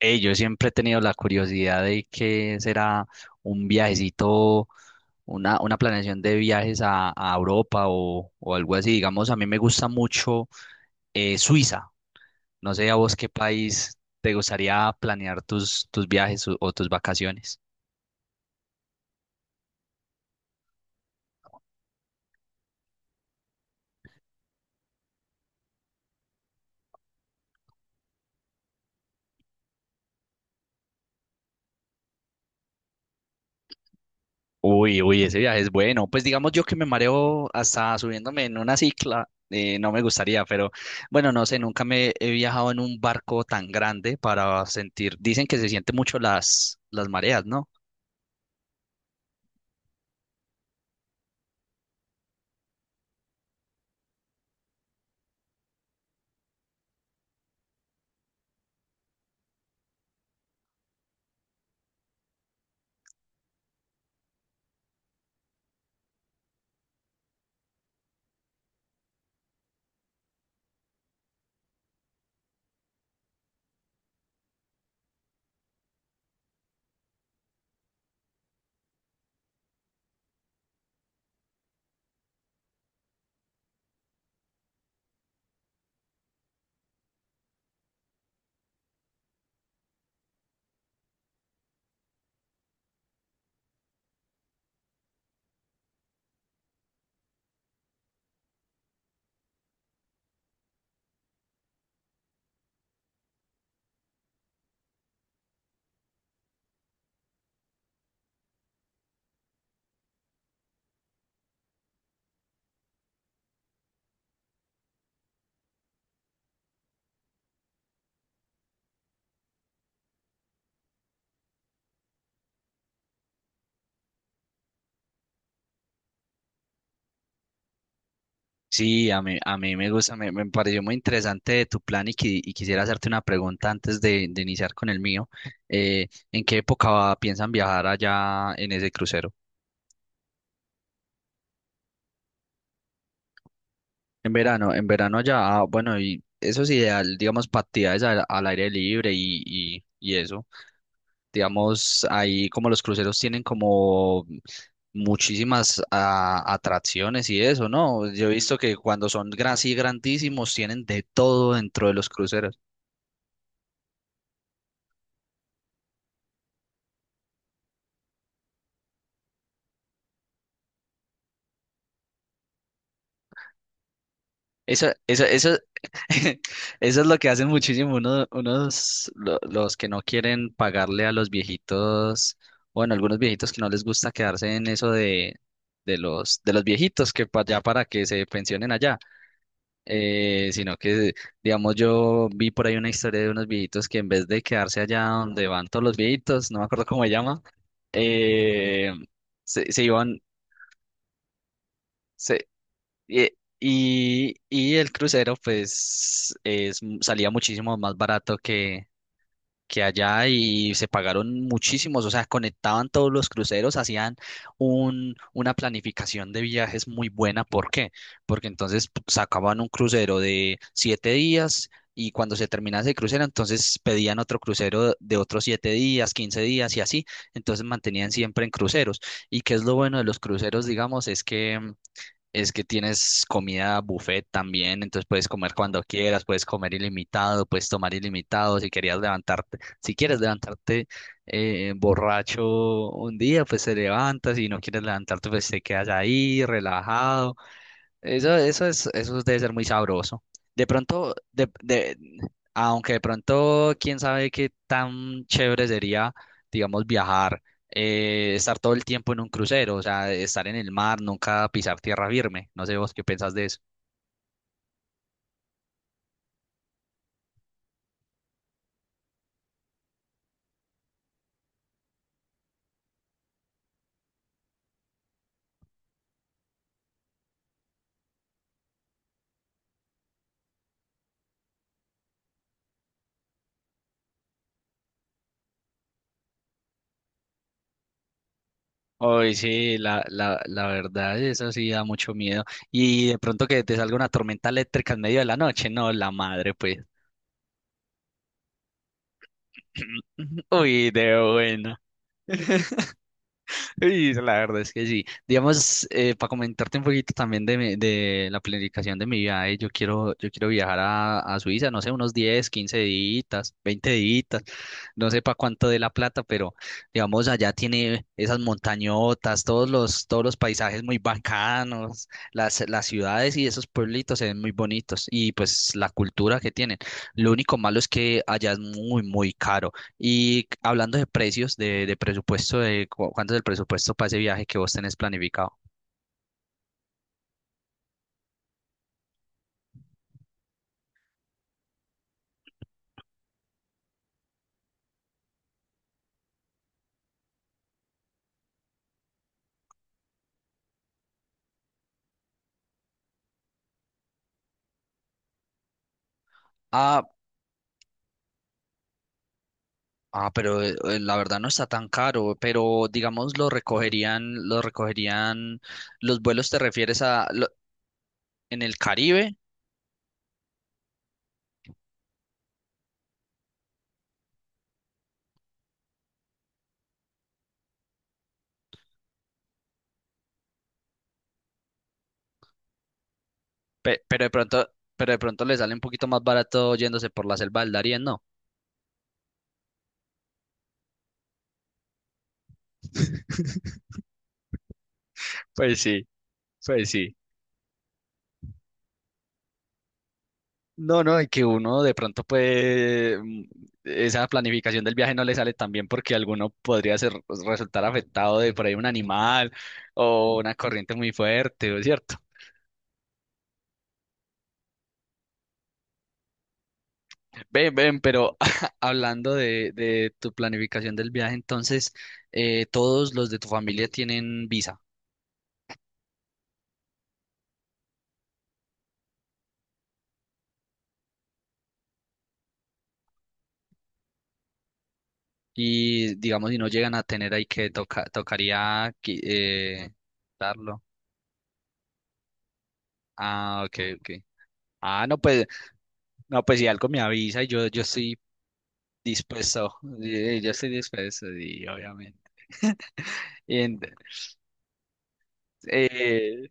Yo siempre he tenido la curiosidad de qué será un viajecito, una planeación de viajes a Europa o algo así. Digamos, a mí me gusta mucho Suiza. No sé a vos qué país te gustaría planear tus viajes o tus vacaciones. Uy, ese viaje es bueno. Pues digamos yo que me mareo hasta subiéndome en una cicla, no me gustaría, pero bueno, no sé, nunca me he viajado en un barco tan grande para sentir, dicen que se siente mucho las mareas, ¿no? Sí, a mí me gusta, me pareció muy interesante tu plan y, y quisiera hacerte una pregunta antes de iniciar con el mío. ¿En qué época piensan viajar allá en ese crucero? En verano allá, ah, bueno, y eso es ideal, digamos, para actividades al aire libre y eso. Digamos, ahí como los cruceros tienen como muchísimas atracciones y eso, ¿no? Yo he visto que cuando son así grandísimos tienen de todo dentro de los cruceros. Eso. eso es lo que hacen muchísimo unos, los que no quieren pagarle a los viejitos, bueno, algunos viejitos que no les gusta quedarse en eso de, de los viejitos que ya para que se pensionen allá, sino que, digamos, yo vi por ahí una historia de unos viejitos que en vez de quedarse allá donde van todos los viejitos, no me acuerdo cómo se llama, eh, se iban. Y, y el crucero, pues, es, salía muchísimo más barato que allá y se pagaron muchísimos, o sea, conectaban todos los cruceros, hacían un, una planificación de viajes muy buena. ¿Por qué? Porque entonces sacaban un crucero de siete días. Y cuando se terminaba ese crucero, entonces pedían otro crucero de otros siete días, quince días y así. Entonces mantenían siempre en cruceros. ¿Y qué es lo bueno de los cruceros, digamos? Es que es que tienes comida buffet también, entonces puedes comer cuando quieras, puedes comer ilimitado, puedes tomar ilimitado, si querías levantarte, si quieres levantarte borracho un día, pues te levantas, si no quieres levantarte, pues te quedas ahí relajado. Eso, eso debe ser muy sabroso. De pronto, aunque de pronto, quién sabe qué tan chévere sería, digamos, viajar, estar todo el tiempo en un crucero, o sea, estar en el mar, nunca pisar tierra firme. No sé vos qué pensás de eso. Hoy sí, la verdad, eso sí da mucho miedo. Y de pronto que te salga una tormenta eléctrica en medio de la noche, no, la madre, pues. Uy, de bueno. Y la verdad es que sí. Digamos, para comentarte un poquito también de, de la planificación de mi viaje, yo quiero viajar a Suiza, no sé, unos 10, 15 días, 20 días, no sé para cuánto de la plata, pero digamos, allá tiene esas montañotas, todos los paisajes muy bacanos, las ciudades y esos pueblitos se ven muy bonitos, y pues la cultura que tienen. Lo único malo es que allá es muy, muy caro. Y hablando de precios, de presupuesto, de cuánto es el presupuesto para ese viaje que vos tenés planificado. Ah, ah, pero la verdad no está tan caro, pero digamos lo recogerían, los vuelos te refieres a en el Caribe. Pe- pero de pronto, pero de pronto le sale un poquito más barato yéndose por la selva del Darién, ¿no? Pues sí, pues sí. No, no, y que uno de pronto puede, esa planificación del viaje no le sale tan bien porque alguno podría ser, pues, resultar afectado de por ahí un animal o una corriente muy fuerte, ¿o es cierto? Ven, ven, pero hablando de tu planificación del viaje, entonces, todos los de tu familia tienen visa y digamos si no llegan a tener ahí que toca, darlo. Ah, ok, ok. Ah, no, pues, no, pues si algo me avisa y yo estoy dispuesto, yo estoy dispuesto y obviamente. Y en- eh,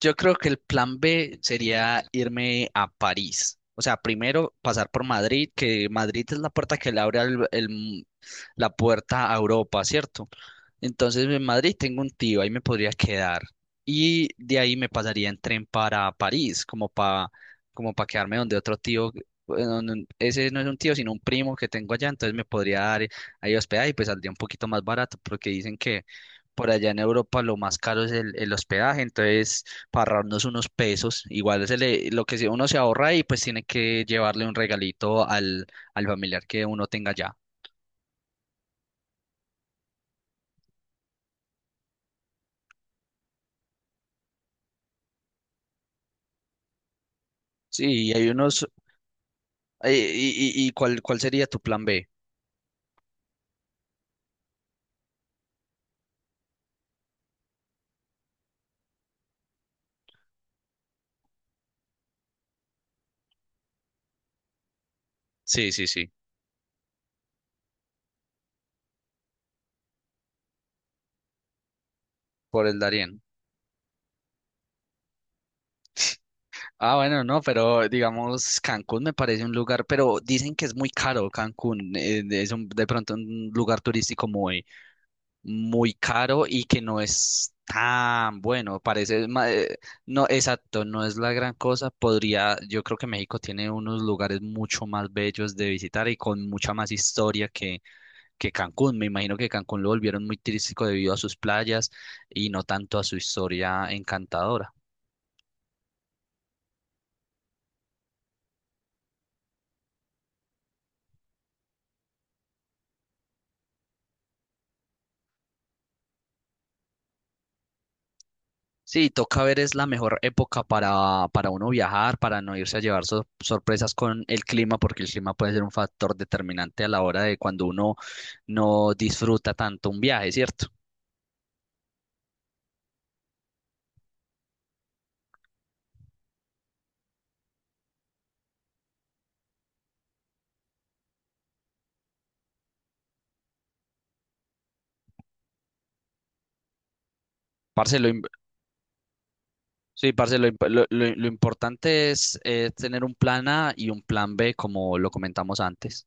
Yo creo que el plan B sería irme a París. O sea, primero pasar por Madrid, que Madrid es la puerta que le abre al- el la puerta a Europa, ¿cierto? Entonces en Madrid tengo un tío, ahí me podría quedar. Y de ahí me pasaría en tren para París, como para quedarme donde otro tío, bueno, no- ese no es un tío, sino un primo que tengo allá, entonces me podría dar ahí hospedaje y pues saldría un poquito más barato, porque dicen que por allá en Europa lo más caro es el hospedaje, entonces para ahorrarnos unos pesos. Igual se le- lo que se- uno se ahorra y pues tiene que llevarle un regalito al, al familiar que uno tenga ya. Sí, y hay unos... ¿Y cuál, cuál sería tu plan B? Sí, sí, sí, por el Darién. Ah, bueno, no, pero digamos, Cancún me parece un lugar, pero dicen que es muy caro Cancún, es un, de pronto un lugar turístico muy caro y que no es tan bueno. Parece, no, exacto, no es la gran cosa. Podría, yo creo que México tiene unos lugares mucho más bellos de visitar y con mucha más historia que Cancún. Me imagino que Cancún lo volvieron muy turístico debido a sus playas y no tanto a su historia encantadora. Sí, toca ver, es la mejor época para uno viajar, para no irse a llevar sorpresas con el clima, porque el clima puede ser un factor determinante a la hora de cuando uno no disfruta tanto un viaje, ¿cierto? Parce, lo, im- sí, parce, lo importante es tener un plan A y un plan B, como lo comentamos antes.